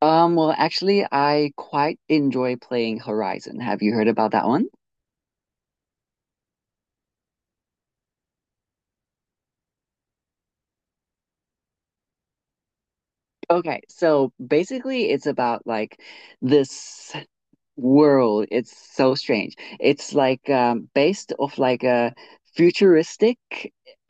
I quite enjoy playing Horizon. Have you heard about that one? Okay, so basically, it's about like this world. It's so strange. It's like based off like a futuristic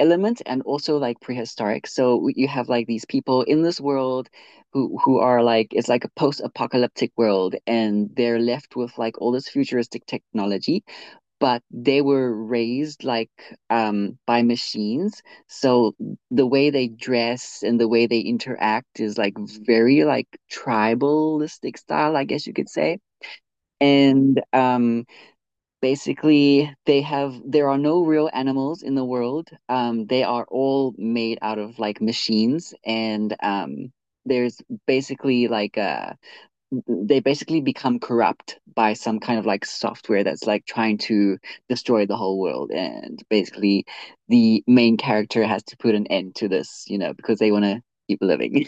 element and also like prehistoric. So you have like these people in this world who are like it's like a post-apocalyptic world, and they're left with like all this futuristic technology. But they were raised like by machines. So the way they dress and the way they interact is like very like tribalistic style, I guess you could say. And basically, they have there are no real animals in the world. They are all made out of like machines, and there's basically like a they basically become corrupt by some kind of like software that's like trying to destroy the whole world and basically the main character has to put an end to this because they want to keep living.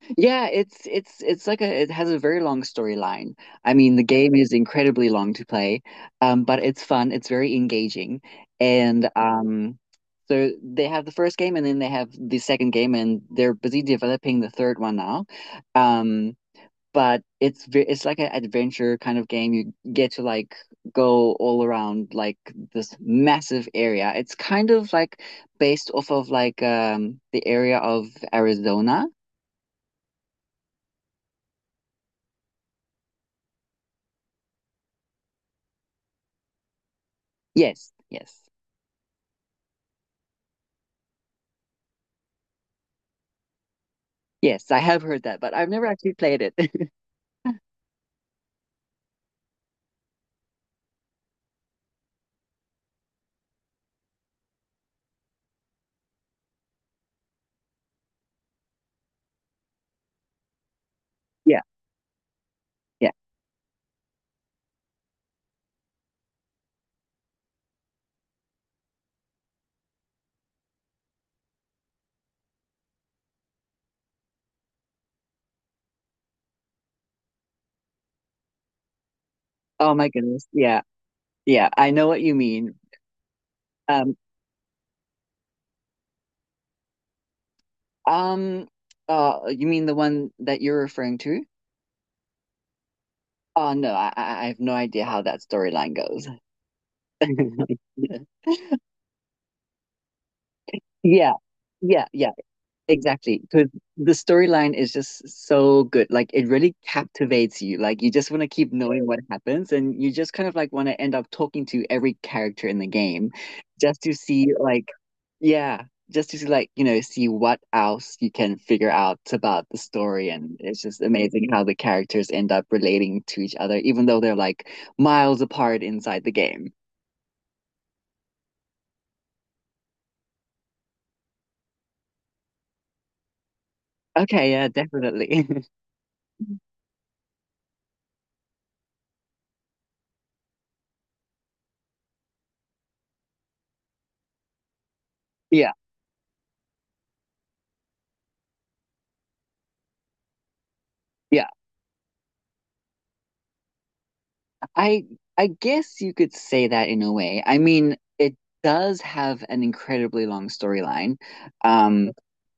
yeah, it's like a it has a very long storyline. I mean the game is incredibly long to play. But it's fun, it's very engaging. And so they have the first game and then they have the second game and they're busy developing the third one now. um but it's like an adventure kind of game. You get to like go all around like this massive area. It's kind of like based off of like the area of Arizona. Yes, yes, yes. I have heard that, but I've never actually played it. Yeah, yeah. Oh my goodness. Yeah, yeah. I know what you mean. Um, um, you mean the one that you're referring to? Oh no, I have no idea how that storyline goes. Yeah, yeah, yeah. Exactly, because the storyline is just so good. Like it really captivates you. Like you just want to keep knowing what happens, and you just kind of like want to end up talking to every character in the game, just to see like yeah, just to see like see what else you can figure out about the story. And it's just amazing how the characters end up relating to each other, even though they're like miles apart inside the game. Okay, yeah, definitely. Yeah, yeah. I I guess you could say that in a way. I mean, it does have an incredibly long storyline. Um,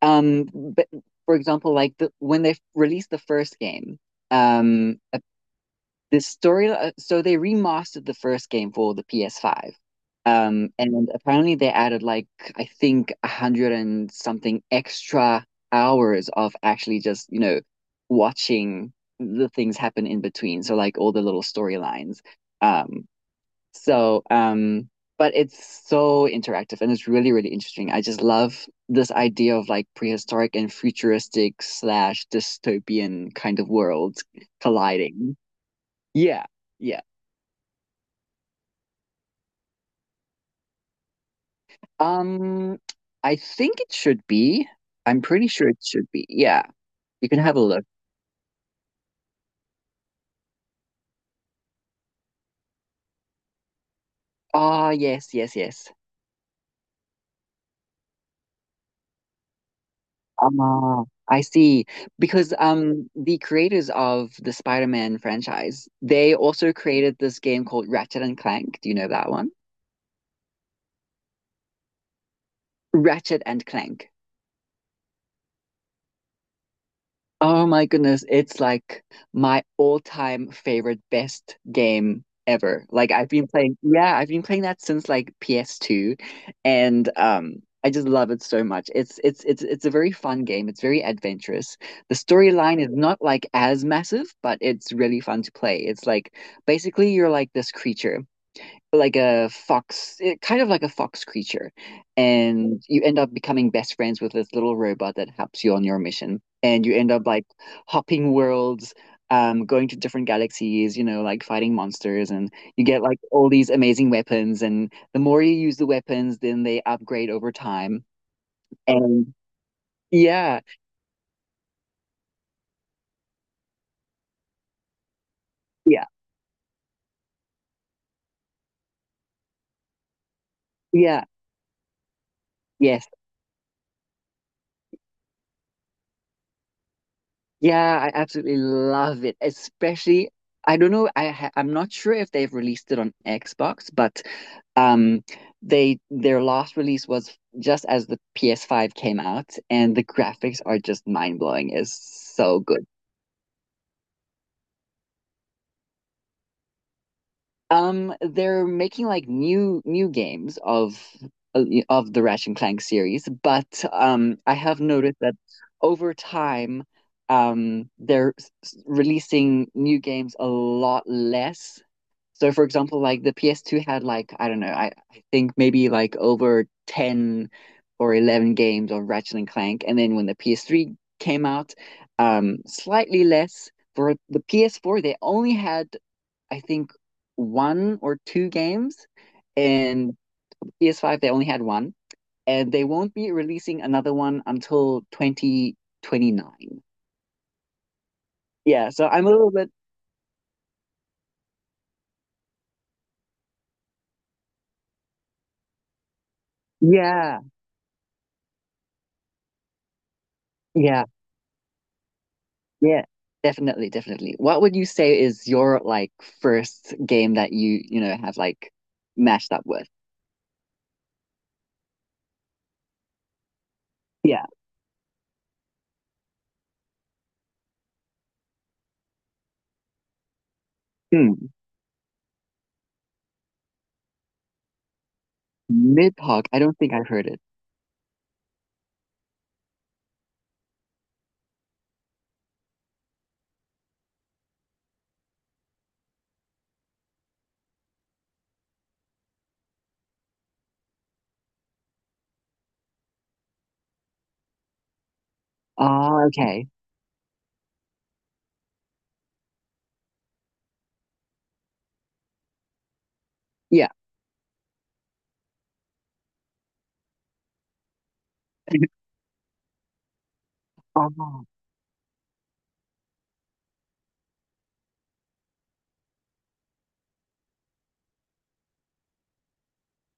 but for example, like the when they released the first game, um, the story so they remastered the first game for the PS5. And apparently they added like I think 100 and something extra hours of actually just watching the things happen in between, so like all the little storylines. um so um but it's so interactive and it's really really interesting. I just love this idea of like prehistoric and futuristic slash dystopian kind of worlds colliding. Yeah, yeah. Um, I think it should be. I'm pretty sure it should be. Yeah, you can have a look. Ah, yes, yes, yes. Ah, I see. Because the creators of the Spider-Man franchise, they also created this game called Ratchet and Clank. Do you know that one? Ratchet and Clank. Oh my goodness, it's like my all-time favorite best game ever. Like I've been playing, yeah, I've been playing that since like PS2. And I just love it so much. It's a very fun game. It's very adventurous. The storyline is not like as massive, but it's really fun to play. It's like basically you're like this creature like a fox, it, kind of like a fox creature. And you end up becoming best friends with this little robot that helps you on your mission. And you end up like hopping worlds, going to different galaxies, like fighting monsters. And you get like all these amazing weapons. And the more you use the weapons, then they upgrade over time. And yeah, yeah, yeah. Yes, yeah, I absolutely love it. Especially, I don't know, I'm not sure if they've released it on Xbox, but um they their last release was just as the PS5 came out, and the graphics are just mind-blowing. It's so good. They're making like new games of the Ratchet and Clank series, but I have noticed that over time they're releasing new games a lot less. So for example, like the PS2 had like, I don't know, I think maybe like over 10 or 11 games of Ratchet and Clank. And then when the PS3 came out, slightly less. For the PS4, they only had, I think, one or two games. And PS5, they only had one. And they won't be releasing another one until 2029. Yeah, so I'm a little bit, yeah, yeah. Yeah, definitely, definitely. What would you say is your like first game that you, have like matched up with? Yeah. Hmm. Nidhogg, I don't think I've heard it. Ah, okay. Yeah. Ah,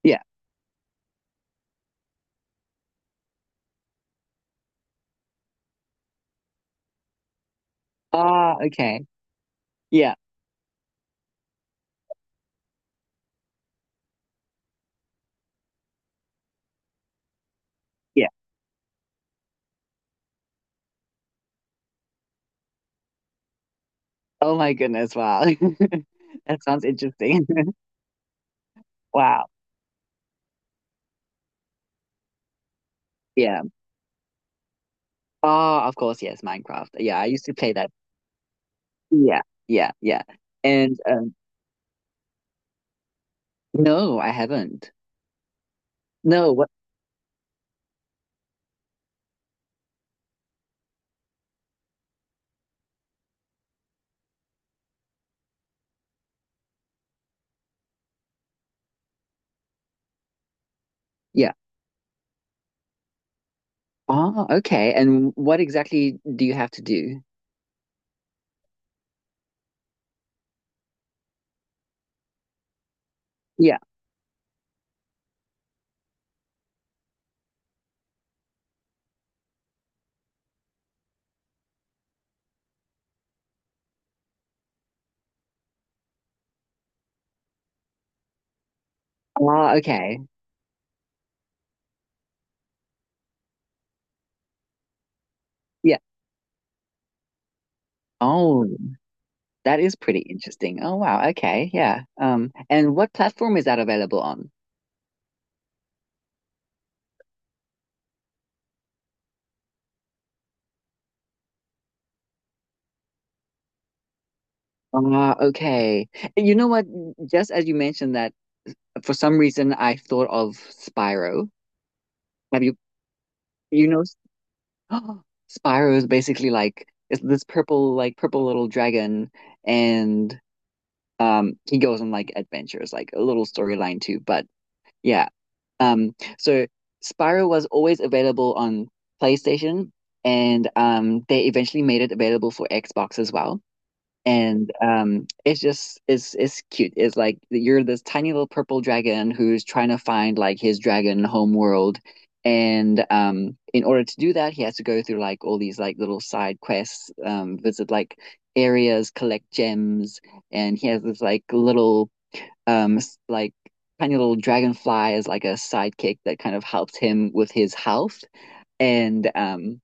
yeah. Ah, okay. Yeah. Yeah. Oh my goodness, wow. That sounds interesting. Wow. Yeah. Ah, of course, yes, Minecraft. Yeah, I used to play that. Yeah. Yeah, yeah. And no, I haven't. No, what? Yeah. Ah, okay. And what exactly do you have to do? Yeah. Ah, okay. Yeah. Oh, that is pretty interesting. Oh, wow. Okay. Yeah. And what platform is that available on? Ah, okay. And you know what? Just as you mentioned that, for some reason I thought of Spyro. Have you you know Spyro is basically like it's this purple like purple little dragon and he goes on like adventures, like a little storyline too. But yeah. Um, so Spyro was always available on PlayStation, and they eventually made it available for Xbox as well. And it's just it's cute. It's like you're this tiny little purple dragon who's trying to find like his dragon homeworld. And in order to do that, he has to go through like all these like little side quests, visit like areas, collect gems, and he has this like little um like tiny little dragonfly is like a sidekick that kind of helps him with his health. And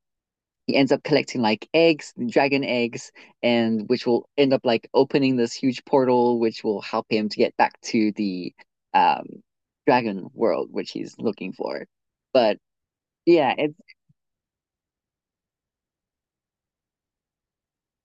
he ends up collecting like eggs dragon eggs and which will end up like opening this huge portal which will help him to get back to the um dragon world which he's looking for. But yeah.